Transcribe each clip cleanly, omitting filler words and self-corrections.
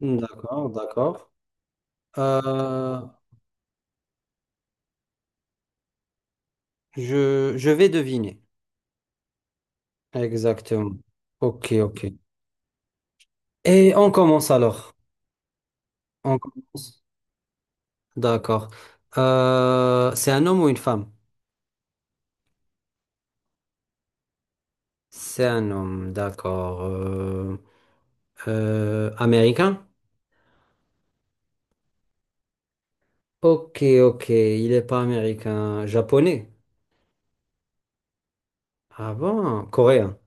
D'accord, d'accord. Euh, je vais deviner. Exactement. Ok, ok. Et on commence alors. On commence. D'accord. C'est un homme ou une femme? C'est un homme, d'accord. Américain? Ok, ok. Il n'est pas américain. Japonais? Ah bon? Coréen.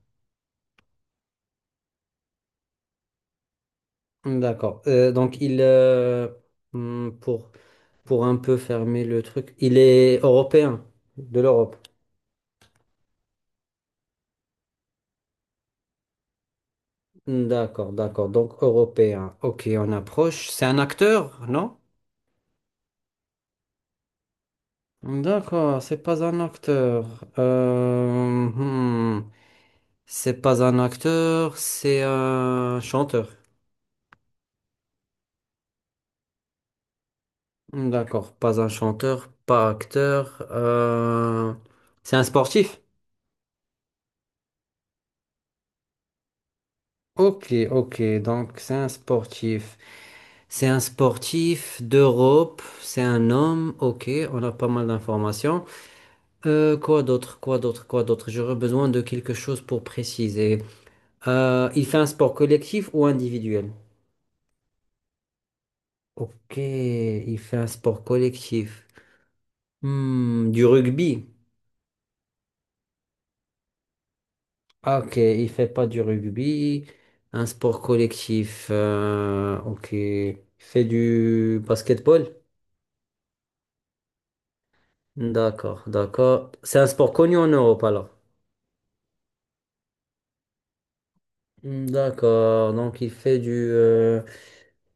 D'accord. Donc hmm, pour, pour un peu fermer le truc, il est européen, de l'Europe. D'accord, d'accord. Donc européen. Ok, on approche. C'est un acteur, non? D'accord, c'est pas un acteur. Euh, hmm. C'est pas un acteur, c'est un chanteur. D'accord, pas un chanteur, pas acteur. C'est un sportif. Ok, ok, donc c'est un sportif. C'est un sportif d'Europe, c'est un homme. Ok, on a pas mal d'informations. Quoi d'autre, quoi d'autre, quoi d'autre? J'aurais besoin de quelque chose pour préciser. Il fait un sport collectif ou individuel? Ok, il fait un sport collectif. Du rugby. Ah, ok, il fait pas du rugby. Un sport collectif. Ok, il fait du basketball. D'accord, d'accord. C'est un sport connu en Europe alors. D'accord, donc il fait du, euh,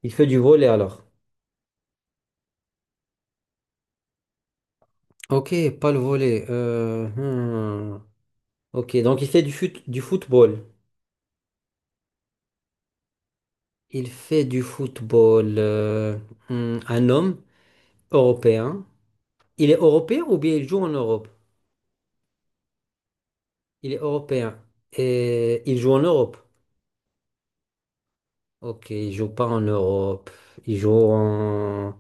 il fait du volley alors. Ok, pas le volley. Hmm. Ok, donc il fait du football. Il fait du football. Un homme européen. Il est européen ou bien il joue en Europe? Il est européen. Et il joue en Europe. Ok, il joue pas en Europe. Il joue en,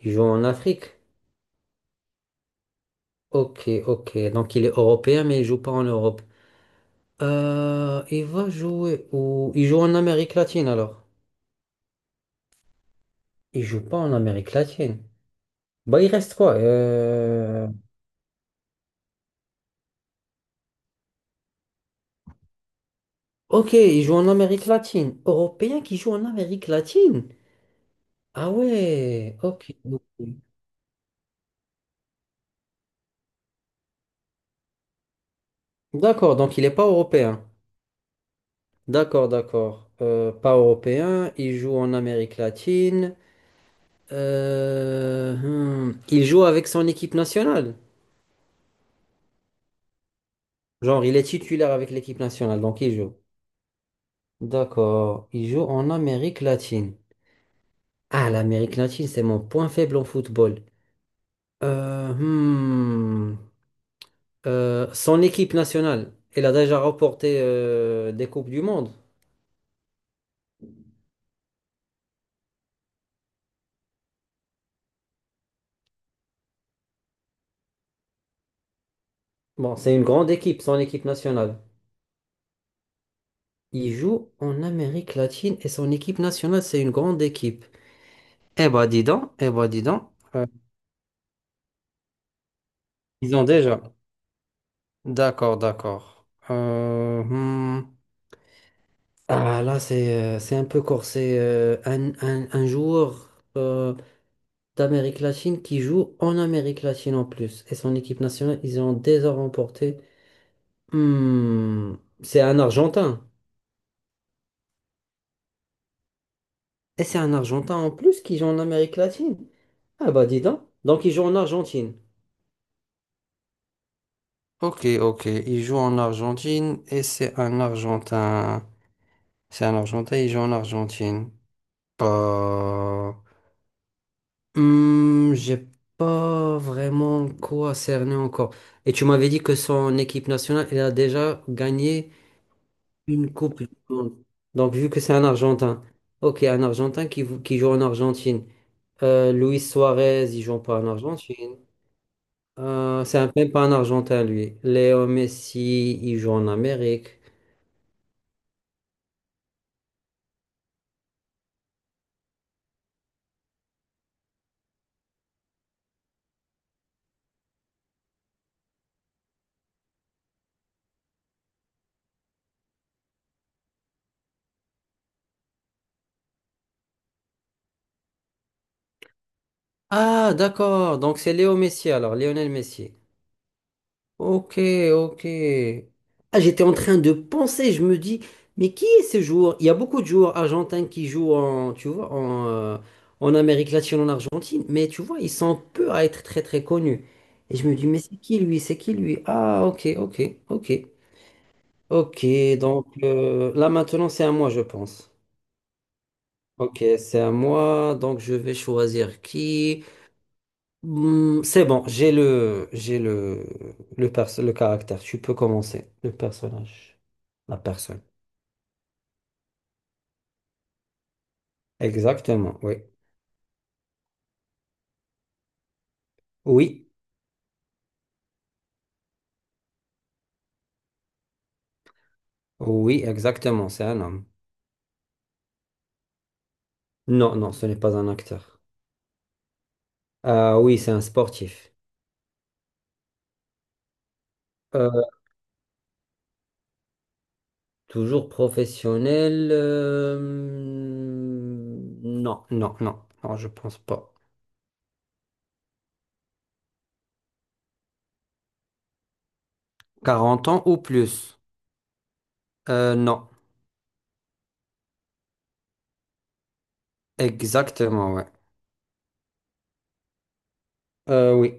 il joue en Afrique. Ok, ok. Donc il est européen mais il joue pas en Europe. Il va jouer où? Il joue en Amérique latine alors. Il joue pas en Amérique latine. Bah il reste quoi? Ok, il joue en Amérique latine. Européen qui joue en Amérique latine? Ah ouais, ok. Ok. D'accord, donc il n'est pas européen. D'accord, d'accord. Pas européen, il joue en Amérique latine. Il joue avec son équipe nationale. Genre, il est titulaire avec l'équipe nationale, donc il joue. D'accord, il joue en Amérique latine. Ah, l'Amérique latine, c'est mon point faible en football. Euh, hmm. Son équipe nationale, elle a déjà remporté des Coupes du Monde. Bon, c'est une grande équipe, son équipe nationale. Il joue en Amérique latine et son équipe nationale, c'est une grande équipe. Eh ben, dis donc, eh ben, dis donc. euh, ils ont déjà. D'accord, d'accord. Hmm. Ah, là, c'est c'est un peu corsé. Un joueur euh, d'Amérique latine qui joue en Amérique latine en plus. Et son équipe nationale, ils ont déjà remporté. Hmm, c'est un Argentin. Et c'est un Argentin en plus qui joue en Amérique latine. Ah bah dis donc. Donc il joue en Argentine. Ok, ok. Il joue en Argentine et c'est un Argentin. C'est un Argentin, il joue en Argentine. Pas. J'ai pas vraiment quoi cerner encore. Et tu m'avais dit que son équipe nationale, elle a déjà gagné une Coupe du Monde. Donc vu que c'est un Argentin. Ok, un Argentin qui joue en Argentine. Luis Suarez, il joue pas en Argentine. C'est même pas un Argentin, lui. Léo Messi, il joue en Amérique. Ah, d'accord. Donc c'est Léo Messi, alors, Lionel Messi. Ok, ok. Ah, j'étais en train de penser, je me dis, mais qui est ce joueur? Il y a beaucoup de joueurs argentins qui jouent en, tu vois, en Amérique latine, en Argentine, mais tu vois, ils sont peu à être très très connus. Et je me dis, mais c'est qui lui? C'est qui lui? Ah, ok, ok, ok. Ok, donc là maintenant c'est à moi, je pense. Ok, c'est à moi, donc je vais choisir qui. C'est bon, j'ai le caractère. Tu peux commencer. Le personnage, la personne. Exactement, oui. Oui, oui, exactement, c'est un homme. Non, non, ce n'est pas un acteur. Ah oui, c'est un sportif. Euh, Toujours professionnel. Non, non, non, non, je pense pas. 40 ans ou plus. Non, exactement, ouais. Oui.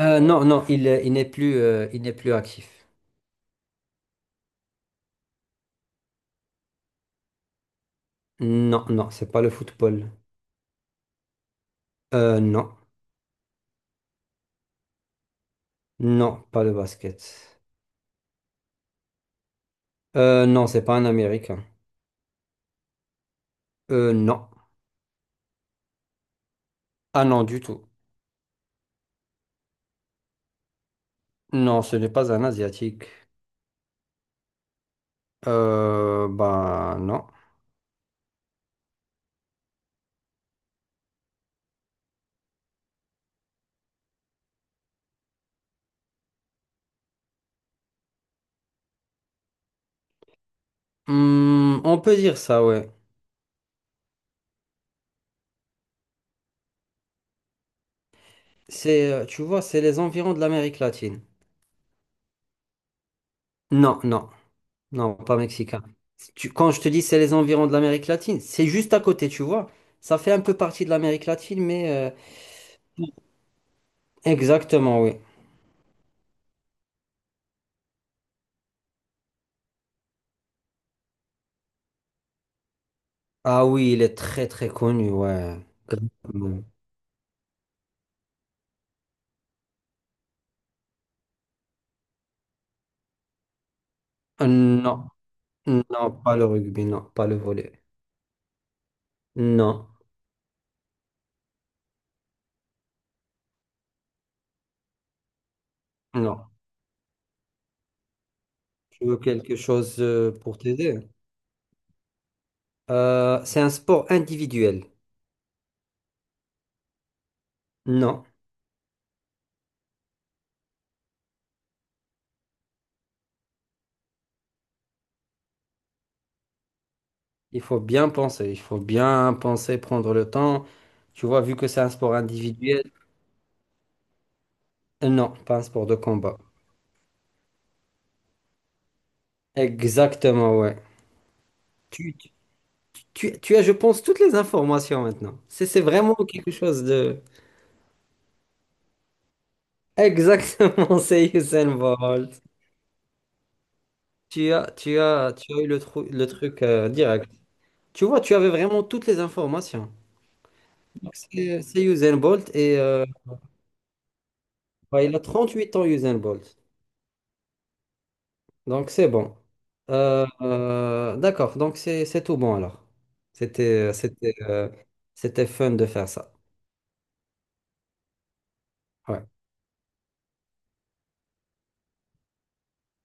Non, non, il n'est plus actif. Non, non, c'est pas le football. Non, non, pas le basket. Non, c'est pas un Américain. Non. Ah non, du tout. Non, ce n'est pas un Asiatique. Bah non. On peut dire ça, ouais. C'est, tu vois, c'est les environs de l'Amérique latine. Non, non. Non, pas mexicain. Quand je te dis c'est les environs de l'Amérique latine, c'est juste à côté, tu vois. Ça fait un peu partie de l'Amérique latine, mais exactement, oui. Ah oui, il est très très connu, ouais. Grandement. Non, non, pas le rugby, non, pas le volley. Non, non. Tu veux quelque chose pour t'aider? C'est un sport individuel. Non, il faut bien penser, il faut bien penser, prendre le temps. Tu vois, vu que c'est un sport individuel, non, pas un sport de combat. Exactement, ouais. Tu, tu, tu as, je pense, toutes les informations maintenant. C'est vraiment quelque chose de... Exactement, c'est Usain Bolt. Tu as eu le truc direct. Tu vois, tu avais vraiment toutes les informations. Donc, c'est Usain Bolt et bah, il a 38 ans, Usain Bolt. Donc, c'est bon. D'accord, donc c'est tout bon alors. C'était, euh, c'était, euh, c'était fun de faire ça. Ouais.